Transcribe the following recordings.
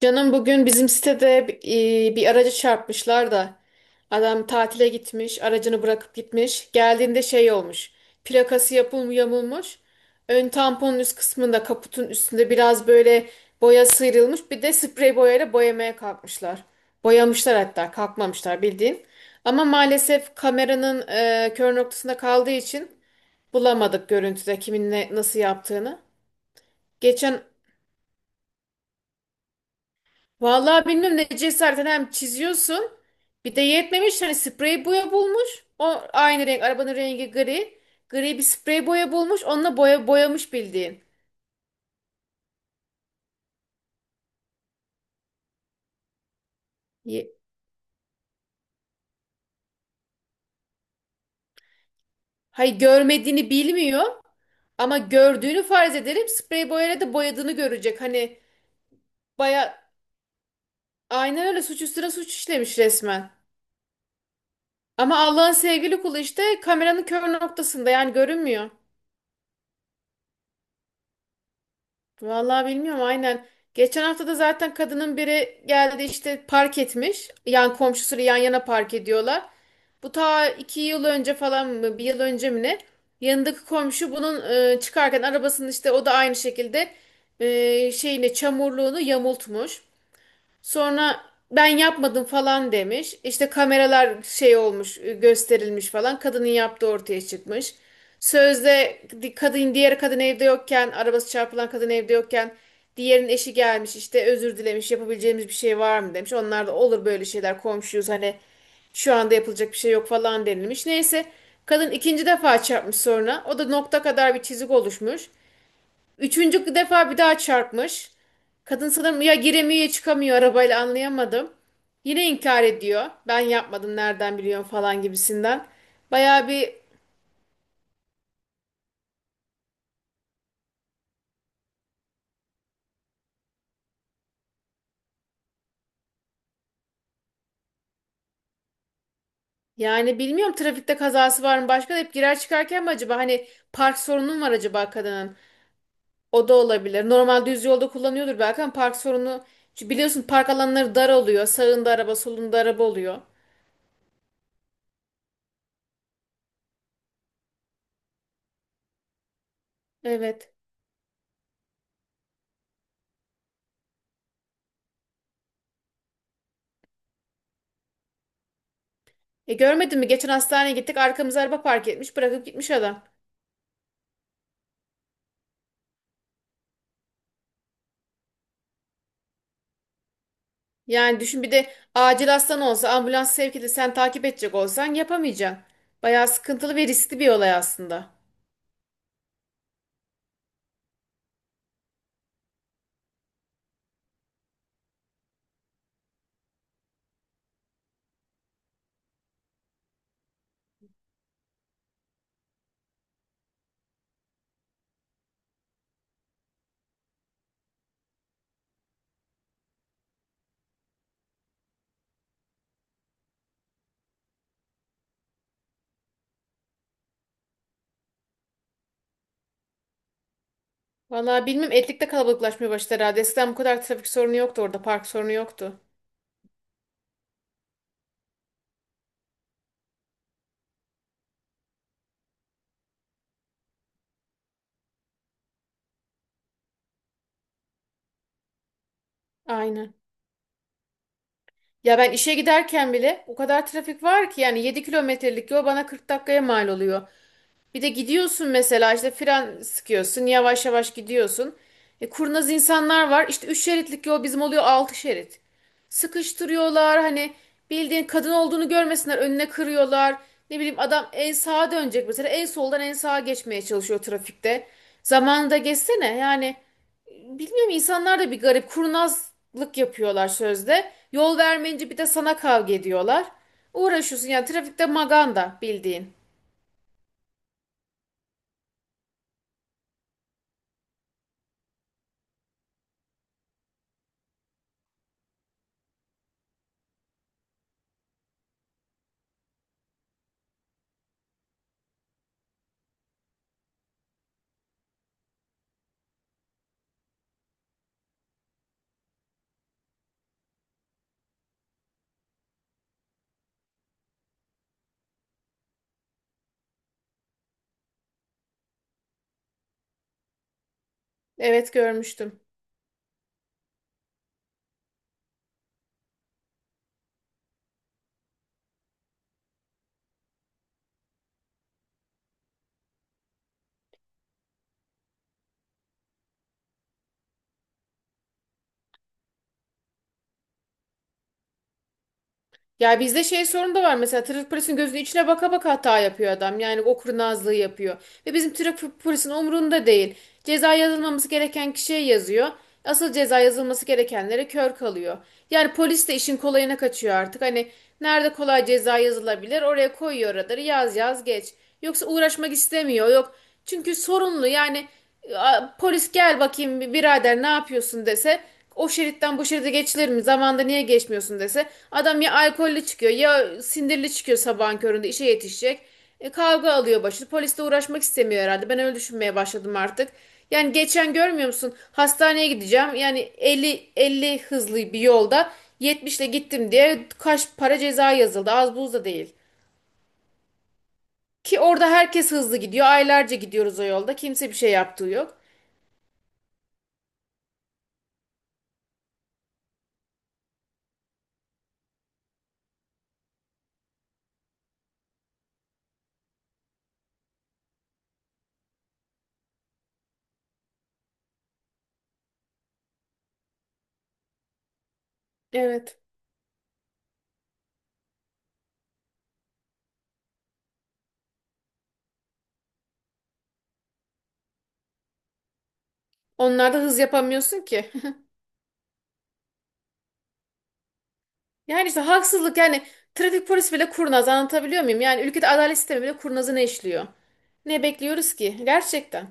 Canım bugün bizim sitede bir aracı çarpmışlar da adam tatile gitmiş, aracını bırakıp gitmiş. Geldiğinde şey olmuş. Plakası yapım yamulmuş. Ön tamponun üst kısmında kaputun üstünde biraz böyle boya sıyrılmış. Bir de sprey boyayla boyamaya kalkmışlar. Boyamışlar hatta kalkmamışlar bildiğin. Ama maalesef kameranın kör noktasında kaldığı için bulamadık görüntüde kimin nasıl yaptığını. Geçen Vallahi bilmiyorum ne cesaretten hem çiziyorsun. Bir de yetmemiş hani sprey boya bulmuş. O aynı renk arabanın rengi gri. Gri bir sprey boya bulmuş. Onunla boya boyamış bildiğin. Ye- Hayır görmediğini bilmiyor. Ama gördüğünü farz edelim. Sprey boyayla da boyadığını görecek. Hani baya aynen öyle suç üstüne suç işlemiş resmen. Ama Allah'ın sevgili kulu işte kameranın kör noktasında yani görünmüyor. Vallahi bilmiyorum aynen. Geçen hafta da zaten kadının biri geldi işte park etmiş. Yan komşusuyla yan yana park ediyorlar. Bu ta 2 yıl önce falan mı bir yıl önce mi ne? Yanındaki komşu bunun çıkarken arabasının işte o da aynı şekilde şeyini çamurluğunu yamultmuş. Sonra ben yapmadım falan demiş. İşte kameralar şey olmuş, gösterilmiş falan. Kadının yaptığı ortaya çıkmış. Sözde kadın diğer kadın evde yokken, arabası çarpılan kadın evde yokken diğerinin eşi gelmiş işte özür dilemiş yapabileceğimiz bir şey var mı demiş. Onlar da olur böyle şeyler komşuyuz hani şu anda yapılacak bir şey yok falan denilmiş. Neyse kadın ikinci defa çarpmış sonra o da nokta kadar bir çizik oluşmuş. Üçüncü defa bir daha çarpmış. Kadın sanırım ya giremiyor ya çıkamıyor arabayla anlayamadım. Yine inkar ediyor. Ben yapmadım nereden biliyorum falan gibisinden. Bayağı bir yani bilmiyorum trafikte kazası var mı başka da hep girer çıkarken mi acaba hani park sorunu mu var acaba kadının? O da olabilir. Normal düz yolda kullanıyordur belki ama park sorunu çünkü biliyorsun park alanları dar oluyor. Sağında araba, solunda araba oluyor. Evet. E görmedin mi? Geçen hastaneye gittik. Arkamıza araba park etmiş. Bırakıp gitmiş adam. Yani düşün bir de acil hastan olsa ambulans sevk edip sen takip edecek olsan yapamayacaksın. Bayağı sıkıntılı ve riskli bir olay aslında. Vallahi bilmem Etlik'te kalabalıklaşmaya başladı herhalde. Eskiden bu kadar trafik sorunu yoktu orada. Park sorunu yoktu. Aynen. Ya ben işe giderken bile o kadar trafik var ki yani 7 kilometrelik yol bana 40 dakikaya mal oluyor. Bir de gidiyorsun mesela işte fren sıkıyorsun yavaş yavaş gidiyorsun. E, kurnaz insanlar var işte 3 şeritlik yol bizim oluyor 6 şerit. Sıkıştırıyorlar hani bildiğin kadın olduğunu görmesinler önüne kırıyorlar. Ne bileyim adam en sağa dönecek mesela en soldan en sağa geçmeye çalışıyor trafikte. Zamanında geçsene yani bilmiyorum insanlar da bir garip kurnazlık yapıyorlar sözde. Yol vermeyince bir de sana kavga ediyorlar. Uğraşıyorsun yani trafikte maganda bildiğin. Evet görmüştüm. Ya bizde şey sorun da var mesela trafik polisinin gözünün içine baka baka hata yapıyor adam. Yani o kurnazlığı yapıyor. Ve bizim trafik polisinin umurunda değil. Ceza yazılmaması gereken kişiye yazıyor. Asıl ceza yazılması gerekenlere kör kalıyor. Yani polis de işin kolayına kaçıyor artık. Hani nerede kolay ceza yazılabilir oraya koyuyor radarı yaz yaz geç. Yoksa uğraşmak istemiyor yok. Çünkü sorunlu yani polis gel bakayım birader ne yapıyorsun dese o şeritten bu şeride geçilir mi? Zamanında niye geçmiyorsun dese. Adam ya alkollü çıkıyor ya sindirli çıkıyor sabahın köründe işe yetişecek. E, kavga alıyor başını. Polisle uğraşmak istemiyor herhalde. Ben öyle düşünmeye başladım artık. Yani geçen görmüyor musun? Hastaneye gideceğim. Yani 50 50 hızlı bir yolda 70 ile gittim diye kaç para ceza yazıldı. Az buz da değil. Ki orada herkes hızlı gidiyor. Aylarca gidiyoruz o yolda. Kimse bir şey yaptığı yok. Evet. Onlarda hız yapamıyorsun ki. Yani işte haksızlık yani trafik polisi bile kurnaz anlatabiliyor muyum? Yani ülkede adalet sistemi bile kurnazını işliyor. Ne bekliyoruz ki? Gerçekten.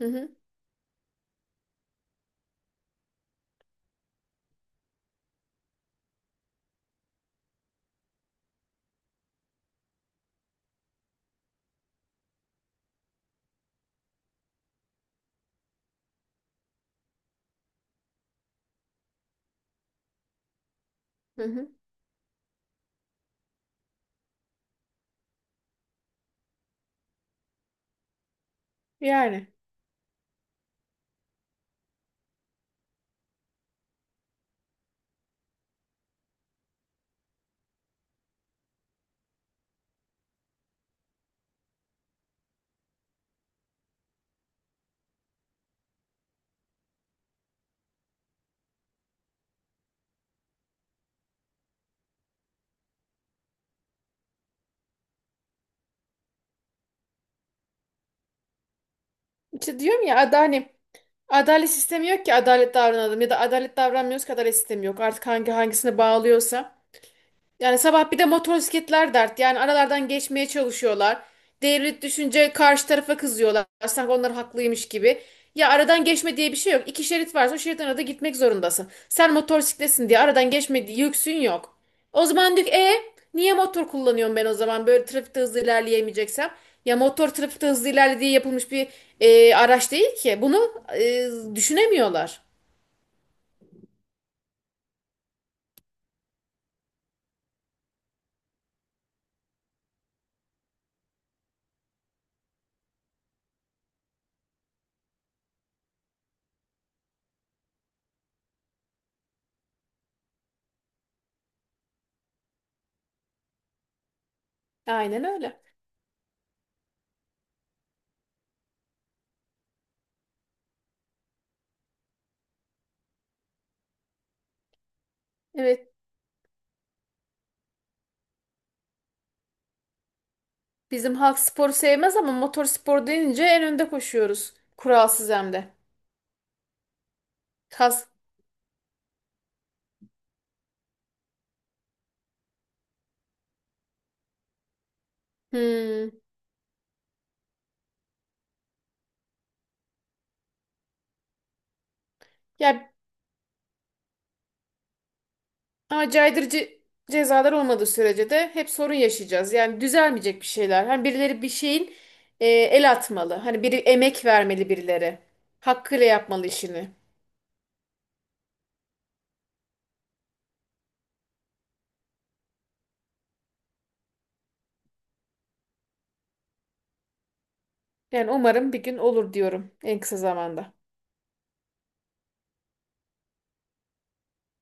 Hı hı, hı hı. Yani işte diyorum ya hani adalet sistemi yok ki adalet davranalım ya da adalet davranmıyoruz ki adalet sistemi yok. Artık hangi hangisine bağlıyorsa. Yani sabah bir de motosikletler dert. Yani aralardan geçmeye çalışıyorlar. Devlet düşünce karşı tarafa kızıyorlar. Sanki onlar haklıymış gibi. Ya aradan geçme diye bir şey yok. 2 şerit varsa o şeritten arada gitmek zorundasın. Sen motosikletsin diye aradan geçme diye yüksün yok. O zaman diyor ki, niye motor kullanıyorum ben o zaman böyle trafikte hızlı ilerleyemeyeceksem? Ya motor trafikte hızlı ilerle diye yapılmış bir araç değil ki. Bunu düşünemiyorlar. Aynen öyle. Evet. Bizim halk sporu sevmez ama motor spor deyince en önde koşuyoruz. Kuralsız hem de. Kas. Hmm. Ya ama caydırıcı cezalar olmadığı sürece de hep sorun yaşayacağız. Yani düzelmeyecek bir şeyler. Hani birileri bir şeyin el atmalı. Hani biri emek vermeli birileri. Hakkıyla yapmalı işini. Yani umarım bir gün olur diyorum en kısa zamanda.